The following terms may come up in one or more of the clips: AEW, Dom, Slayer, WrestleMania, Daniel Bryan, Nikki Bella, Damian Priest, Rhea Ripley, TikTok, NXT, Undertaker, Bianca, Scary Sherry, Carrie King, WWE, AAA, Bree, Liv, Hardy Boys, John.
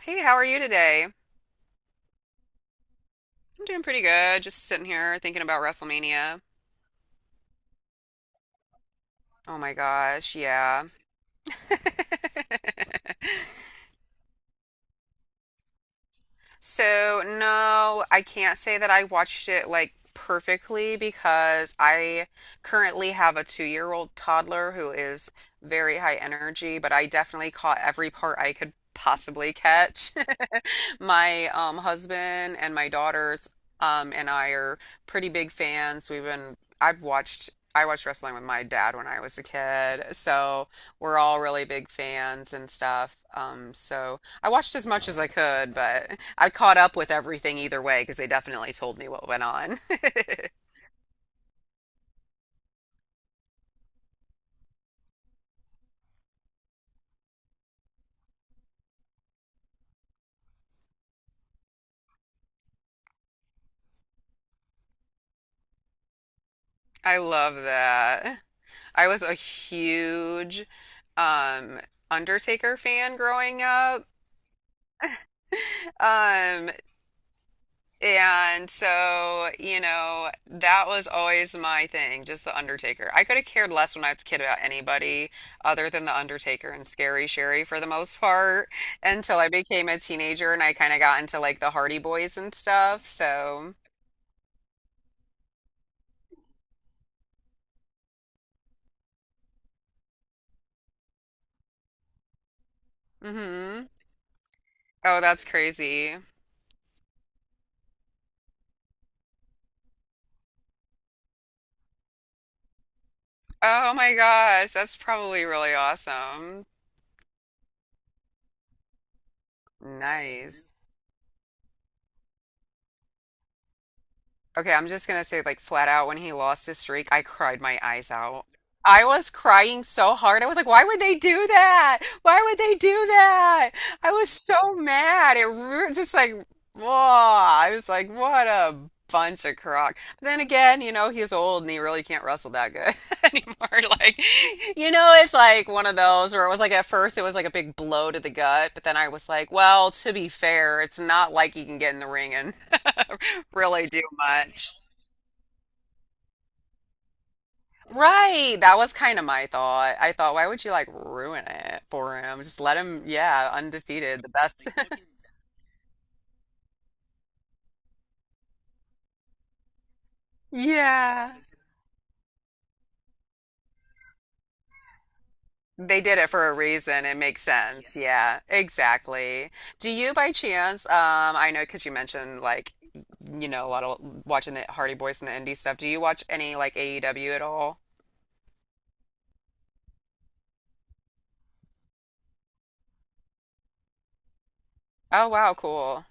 Hey, how are you today? I'm doing pretty good. Just sitting here thinking about WrestleMania. Oh my gosh, yeah. So, no, I can't say that I watched it like perfectly because I currently have a two-year-old toddler who is very high energy, but I definitely caught every part I could possibly catch. My husband and my daughters and I are pretty big fans. I watched wrestling with my dad when I was a kid, so we're all really big fans and stuff. So I watched as much as I could, but I caught up with everything either way because they definitely told me what went on. I love that. I was a huge um Undertaker fan growing up. Um, And so, you know, that was always my thing, just the Undertaker. I could have cared less when I was a kid about anybody other than the Undertaker and Scary Sherry for the most part until I became a teenager and I kind of got into like the Hardy Boys and stuff. So, hmm. Oh, that's crazy. Oh my gosh, that's probably really awesome. Nice. Okay, I'm just gonna say, like, flat out, when he lost his streak, I cried my eyes out. I was crying so hard. I was like, why would they do that? Why would they do that? I was so mad. It ru just like, whoa. I was like, what a bunch of crock. But then again, you know, he's old and he really can't wrestle that good anymore. Like, you know, it's like one of those where it was like, at first, it was like a big blow to the gut. But then I was like, well, to be fair, it's not like he can get in the ring and really do much. Right. That was kind of my thought. I thought, why would you like ruin it for him? Just let him, yeah, undefeated, the best. Yeah. They did it for a reason. It makes sense. Yeah, exactly. Do you by chance, I know because you mentioned like, you know, a lot of watching the Hardy Boys and the indie stuff. Do you watch any like AEW at all? Oh, wow, cool.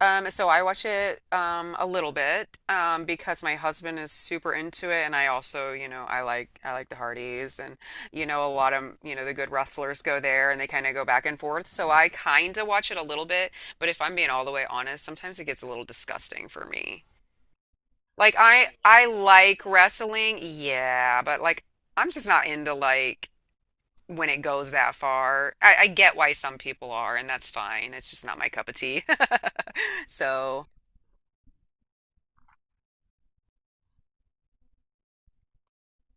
So I watch it a little bit because my husband is super into it and I also, you know, I like the Hardys and you know a lot of, you know, the good wrestlers go there and they kind of go back and forth. So I kind of watch it a little bit, but if I'm being all the way honest, sometimes it gets a little disgusting for me. Like I like wrestling, yeah, but like I'm just not into like when it goes that far. I get why some people are, and that's fine. It's just not my cup of tea. So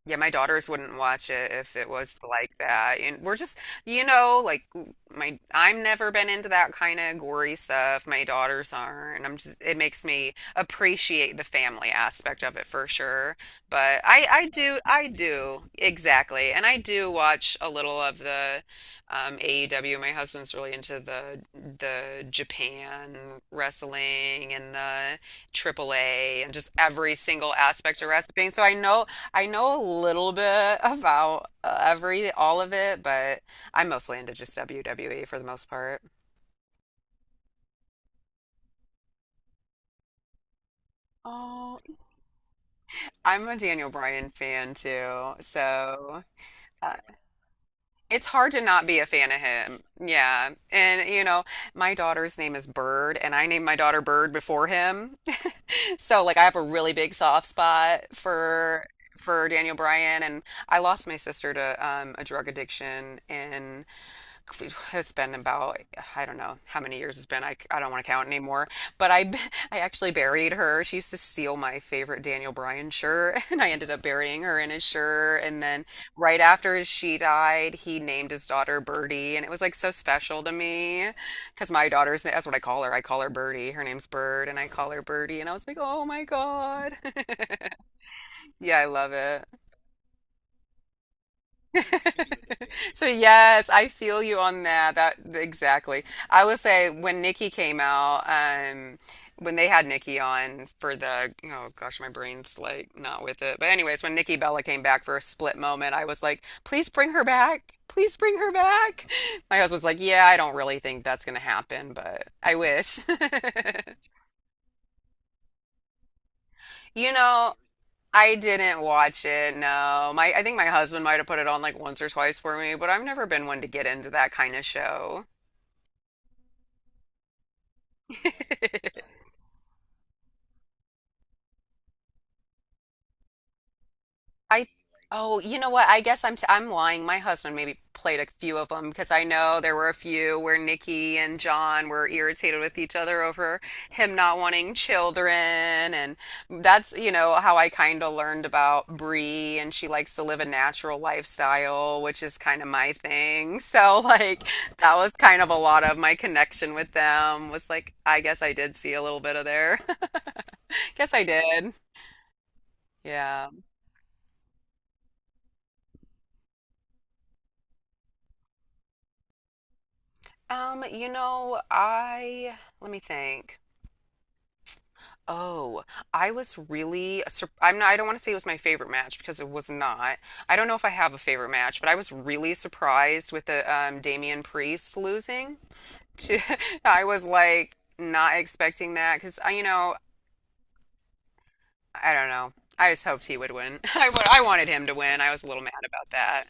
yeah, my daughters wouldn't watch it if it was like that. And we're just, you know, like my I'm never been into that kind of gory stuff. My daughters aren't. I'm just it makes me appreciate the family aspect of it for sure. But I do exactly. And I do watch a little of the AEW. My husband's really into the Japan wrestling and the AAA and just every single aspect of wrestling. So I know a little bit about every all of it, but I'm mostly into just WWE for the most part. Oh, I'm a Daniel Bryan fan too, so uh, it's hard to not be a fan of him. Yeah, and you know, my daughter's name is Bird, and I named my daughter Bird before him, so like I have a really big soft spot for Daniel Bryan, and I lost my sister to a drug addiction in it's been about I don't know how many years it's been. I don't want to count anymore. But I I actually buried her. She used to steal my favorite Daniel Bryan shirt, and I ended up burying her in his shirt. And then right after she died, he named his daughter Birdie, and it was like so special to me because my daughter's that's what I call her. I call her Birdie. Her name's Bird, and I call her Birdie. And I was like, oh my God. Yeah, I love it. So yes, I feel you on that. That exactly. I will say when Nikki came out, when they had Nikki on for the oh gosh, my brain's like not with it. But anyways, when Nikki Bella came back for a split moment, I was like, please bring her back. Please bring her back. My husband's like, yeah, I don't really think that's gonna happen, but I wish. You know, I didn't watch it, no. My I think my husband might have put it on like once or twice for me, but I've never been one to get into that kind of show. I oh, you know what? I'm lying. My husband maybe played a few of them because I know there were a few where Nikki and John were irritated with each other over him not wanting children, and that's you know how I kind of learned about Bree, and she likes to live a natural lifestyle, which is kind of my thing. So like that was kind of a lot of my connection with them was like I guess I did see a little bit of there. Guess I did. Yeah. You know, I let me think. Oh, I was really sur- I'm not, I don't want to say it was my favorite match because it was not. I don't know if I have a favorite match, but I was really surprised with the Damian Priest losing to I was like not expecting that because I, you know, I don't know. I just hoped he would win. I wanted him to win. I was a little mad about that.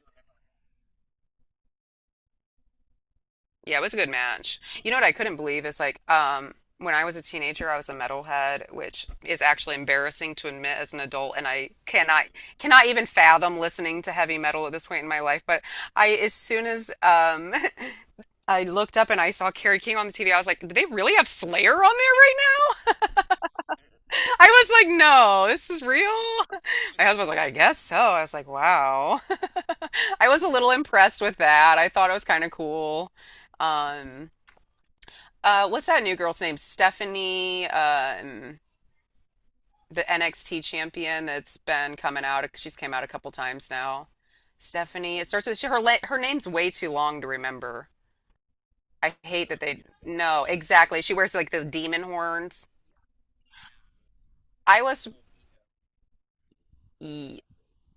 Yeah, it was a good match. You know what I couldn't believe is like when I was a teenager, I was a metalhead, which is actually embarrassing to admit as an adult, and I cannot even fathom listening to heavy metal at this point in my life. But I, as soon as I looked up and I saw Carrie King on the TV, I was like, "Do they really have Slayer on there right now?" I was like, "No, this is real." My husband was like, "I guess so." I was like, "Wow." I was a little impressed with that. I thought it was kind of cool. Um, what's that new girl's name? Stephanie, the NXT champion that's been coming out. She's came out a couple times now. Stephanie. It starts with she, her. La- Her name's way too long to remember. I hate that they. No, exactly. She wears like the demon horns. I was. y-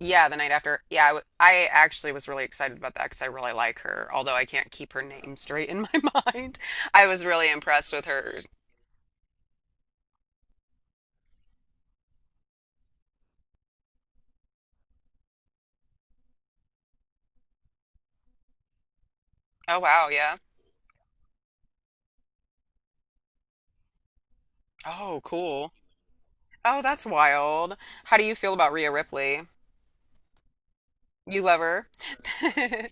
Yeah, the night after. Yeah, I actually was really excited about that because I really like her. Although I can't keep her name straight in my mind, I was really impressed with her. Oh wow, yeah. Oh, cool. Oh, that's wild. How do you feel about Rhea Ripley? You love her?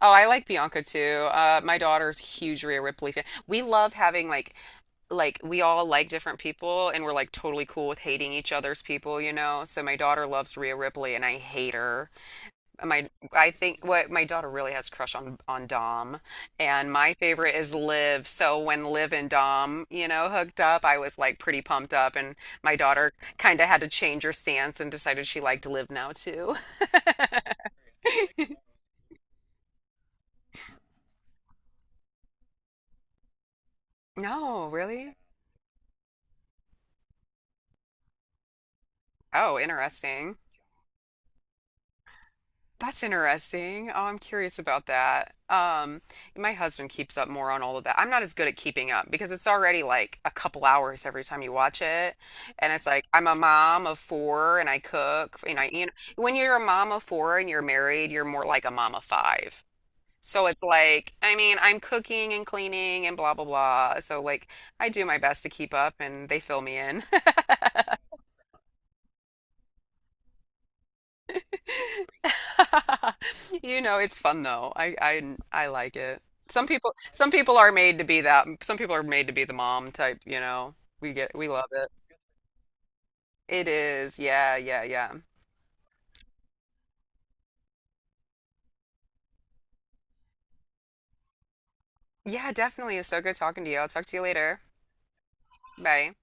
Oh, I like Bianca too. My daughter's a huge Rhea Ripley fan. We love having like we all like different people and we're like totally cool with hating each other's people, you know? So my daughter loves Rhea Ripley and I hate her. I think what my daughter really has a crush on Dom, and my favorite is Liv. So when Liv and Dom, you know, hooked up, I was like pretty pumped up, and my daughter kind of had to change her stance and decided she liked Liv now too. No, really? Oh, interesting. That's interesting. Oh, I'm curious about that. My husband keeps up more on all of that. I'm not as good at keeping up because it's already like a couple hours every time you watch it. And it's like I'm a mom of four and I cook and I, you know, when you're a mom of four and you're married, you're more like a mom of five. So it's like, I mean, I'm cooking and cleaning and blah blah blah. So like I do my best to keep up and they fill me in. You know, it's fun though. I like it. Some people are made to be that. Some people are made to be the mom type, you know. We love it. It is. Yeah, yeah, yeah. Yeah, definitely. It's so good talking to you. I'll talk to you later. Bye.